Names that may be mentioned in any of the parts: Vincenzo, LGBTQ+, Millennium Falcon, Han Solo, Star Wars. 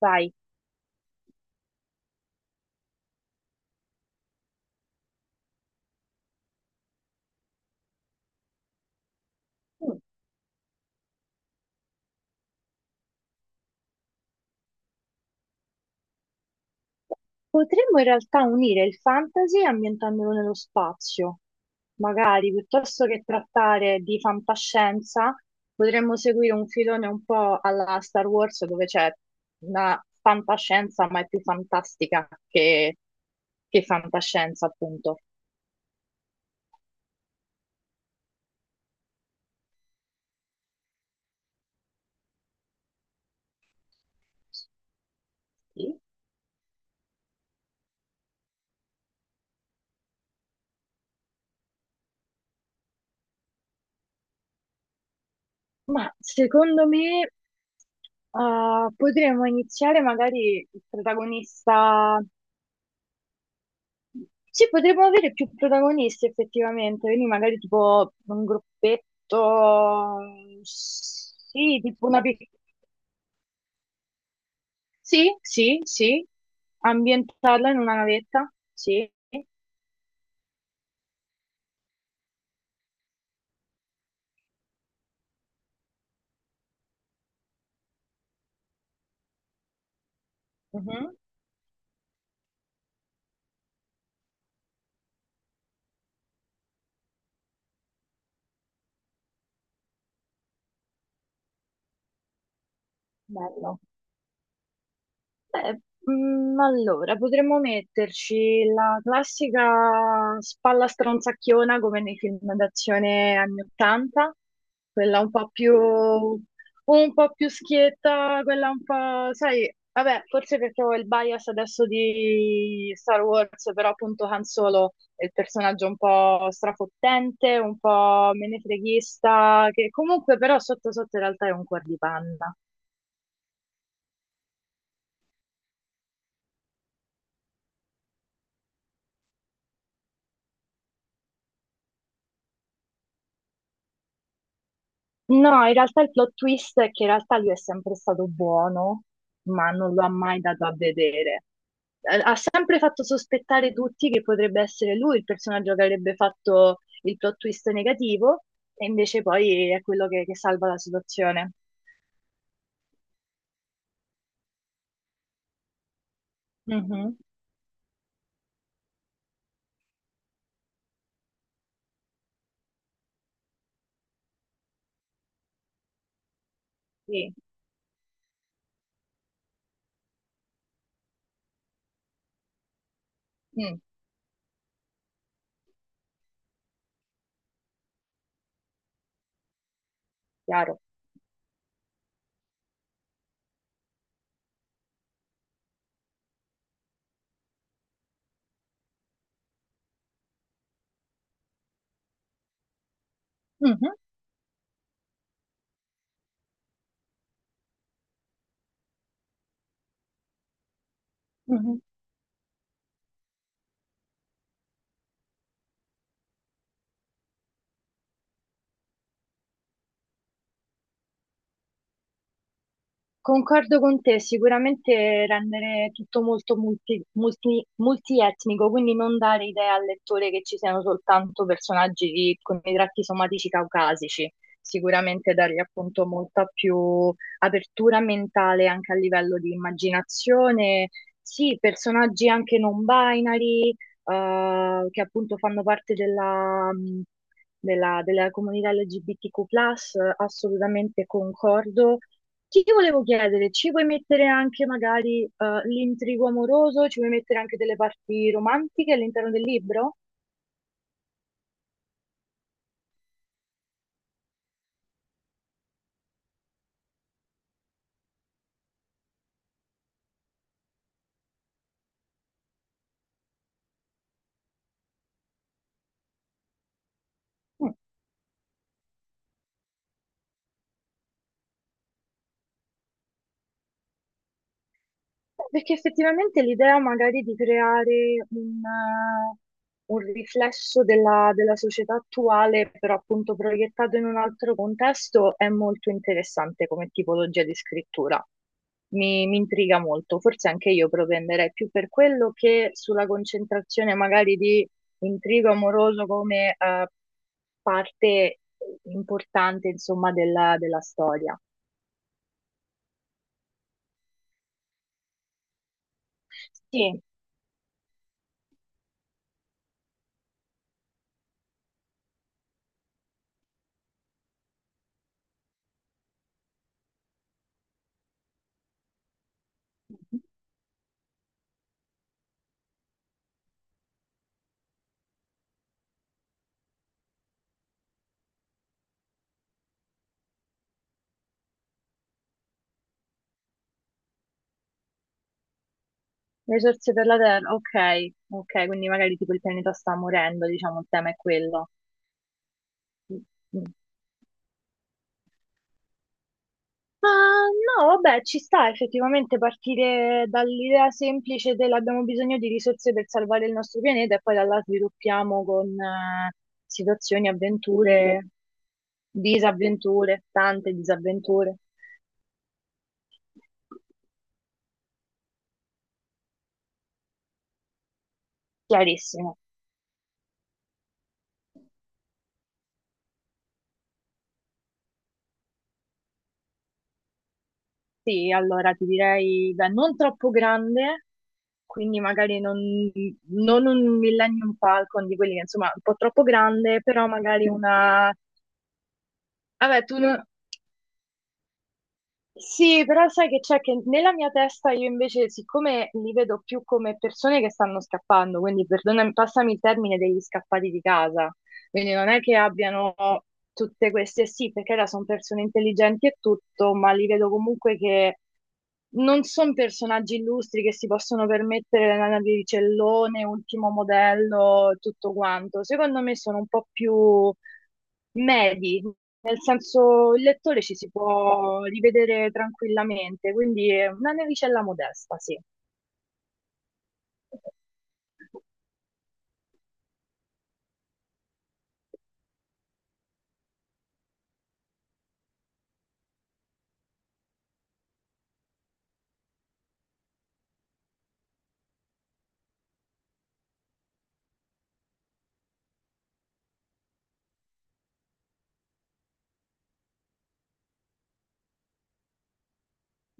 Sai, potremmo in realtà unire il fantasy ambientandolo nello spazio. Magari, piuttosto che trattare di fantascienza, potremmo seguire un filone un po' alla Star Wars, dove c'è una fantascienza, ma è più fantastica che, fantascienza, appunto. Sì. Ma secondo me, potremmo iniziare magari il protagonista. Sì, potremmo avere più protagonisti effettivamente, quindi magari tipo un gruppetto, sì, tipo una pic- Sì, sì, sì, ambientarla in una navetta, sì. Mhm. Bello. Beh, allora, potremmo metterci la classica spalla stronzacchiona come nei film d'azione anni 80, quella un po' più schietta, quella un po', sai, vabbè, forse perché ho il bias adesso di Star Wars, però appunto Han Solo è il personaggio un po' strafottente, un po' menefreghista, che comunque però sotto sotto in realtà è un cuor di panna. No, in realtà il plot twist è che in realtà lui è sempre stato buono, ma non lo ha mai dato a vedere. Ha sempre fatto sospettare tutti che potrebbe essere lui il personaggio che avrebbe fatto il plot twist negativo, e invece poi è quello che salva la situazione. Mhm. Sì. Mm, chiaro. Mhm, mhm. Concordo con te, sicuramente rendere tutto molto multietnico, quindi non dare idea al lettore che ci siano soltanto personaggi di- con i tratti somatici caucasici, sicuramente dargli appunto molta più apertura mentale anche a livello di immaginazione, sì, personaggi anche non binary, che appunto fanno parte della, della comunità LGBTQ+, assolutamente concordo. Ti volevo chiedere, ci puoi mettere anche magari l'intrigo amoroso, ci puoi mettere anche delle parti romantiche all'interno del libro? Perché effettivamente l'idea magari di creare un riflesso della, della società attuale, però appunto proiettato in un altro contesto, è molto interessante come tipologia di scrittura. Mi intriga molto, forse anche io propenderei più per quello che sulla concentrazione magari di intrigo amoroso come parte importante, insomma, della, della storia. Sì. Risorse per la Terra, ok, ok, quindi magari tipo il pianeta sta morendo, diciamo, il tema è quello. Mm. mm. Ah, no, vabbè, ci sta effettivamente partire dall'idea semplice dell'abbiamo bisogno di risorse per salvare il nostro pianeta e poi da là sviluppiamo con situazioni, avventure, disavventure, tante disavventure. Chiarissimo. Sì, allora ti direi, beh, non troppo grande, quindi magari non, non un Millennium Falcon di quelli che insomma un po' troppo grande, però magari una... Vabbè, tu non- Sì, però sai che c'è che nella mia testa io invece, siccome li vedo più come persone che stanno scappando, quindi perdonami, passami il termine degli scappati di casa. Quindi non è che abbiano tutte queste, sì, perché là sono persone intelligenti e tutto, ma li vedo comunque che non sono personaggi illustri che si possono permettere la navicellone, ultimo modello, tutto quanto. Secondo me sono un po' più medi, nel senso il lettore ci si può rivedere tranquillamente, quindi è una navicella modesta, sì.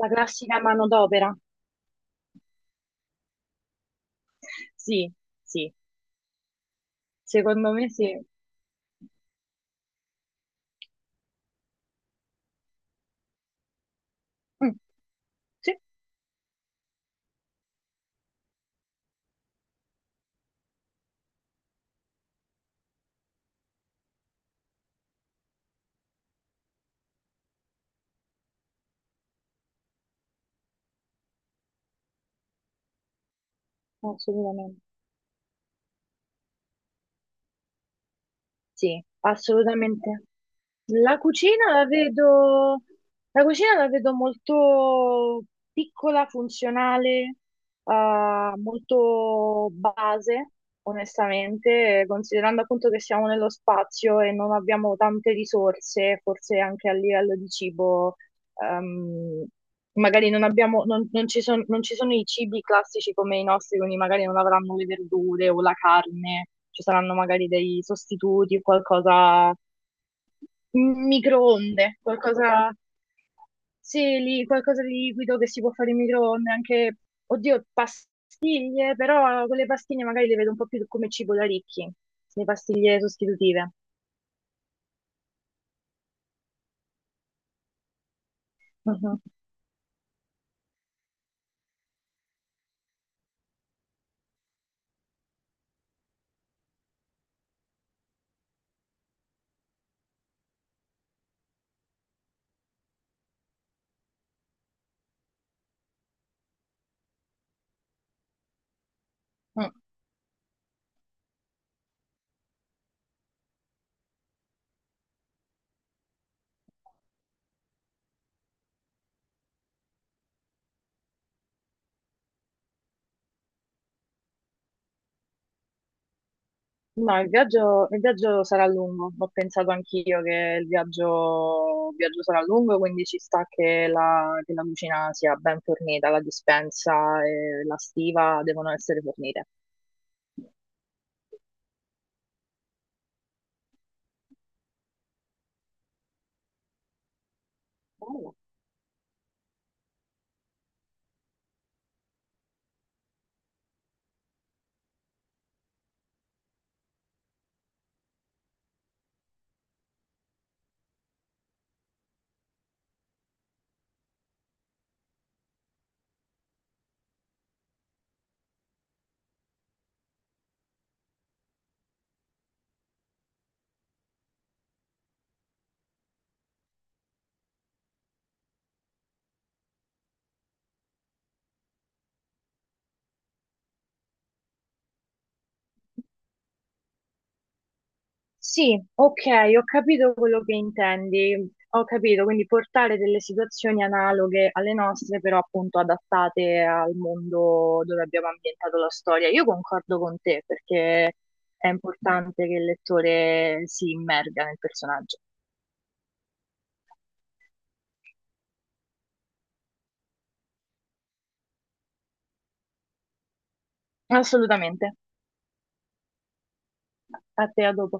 La classica manodopera, sì, sì. Secondo me sì. Mm, sì, assolutamente. Sì, assolutamente. La cucina la vedo, la cucina la vedo molto piccola, funzionale, molto base, onestamente, considerando appunto che siamo nello spazio e non abbiamo tante risorse, forse anche a livello di cibo ehm, magari non abbiamo, non ci sono i cibi classici come i nostri, quindi magari non avranno le verdure o la carne, ci saranno magari dei sostituti, qualcosa, microonde, qualcosa, sì, lì, qualcosa di liquido che si può fare in microonde, anche, oddio, pastiglie, però quelle pastiglie magari le vedo un po' più come cibo da ricchi, le pastiglie sostitutive. Mhm. Mm. No, il viaggio sarà lungo, ho pensato anch'io che il viaggio sarà lungo, quindi ci sta che la cucina sia ben fornita, la dispensa e la stiva devono essere fornite. Sì, ok, ho capito quello che intendi, ho capito, quindi portare delle situazioni analoghe alle nostre, però appunto adattate al mondo dove abbiamo ambientato la storia. Io concordo con te perché è importante che il lettore si immerga nel personaggio. Assolutamente. A te, a dopo.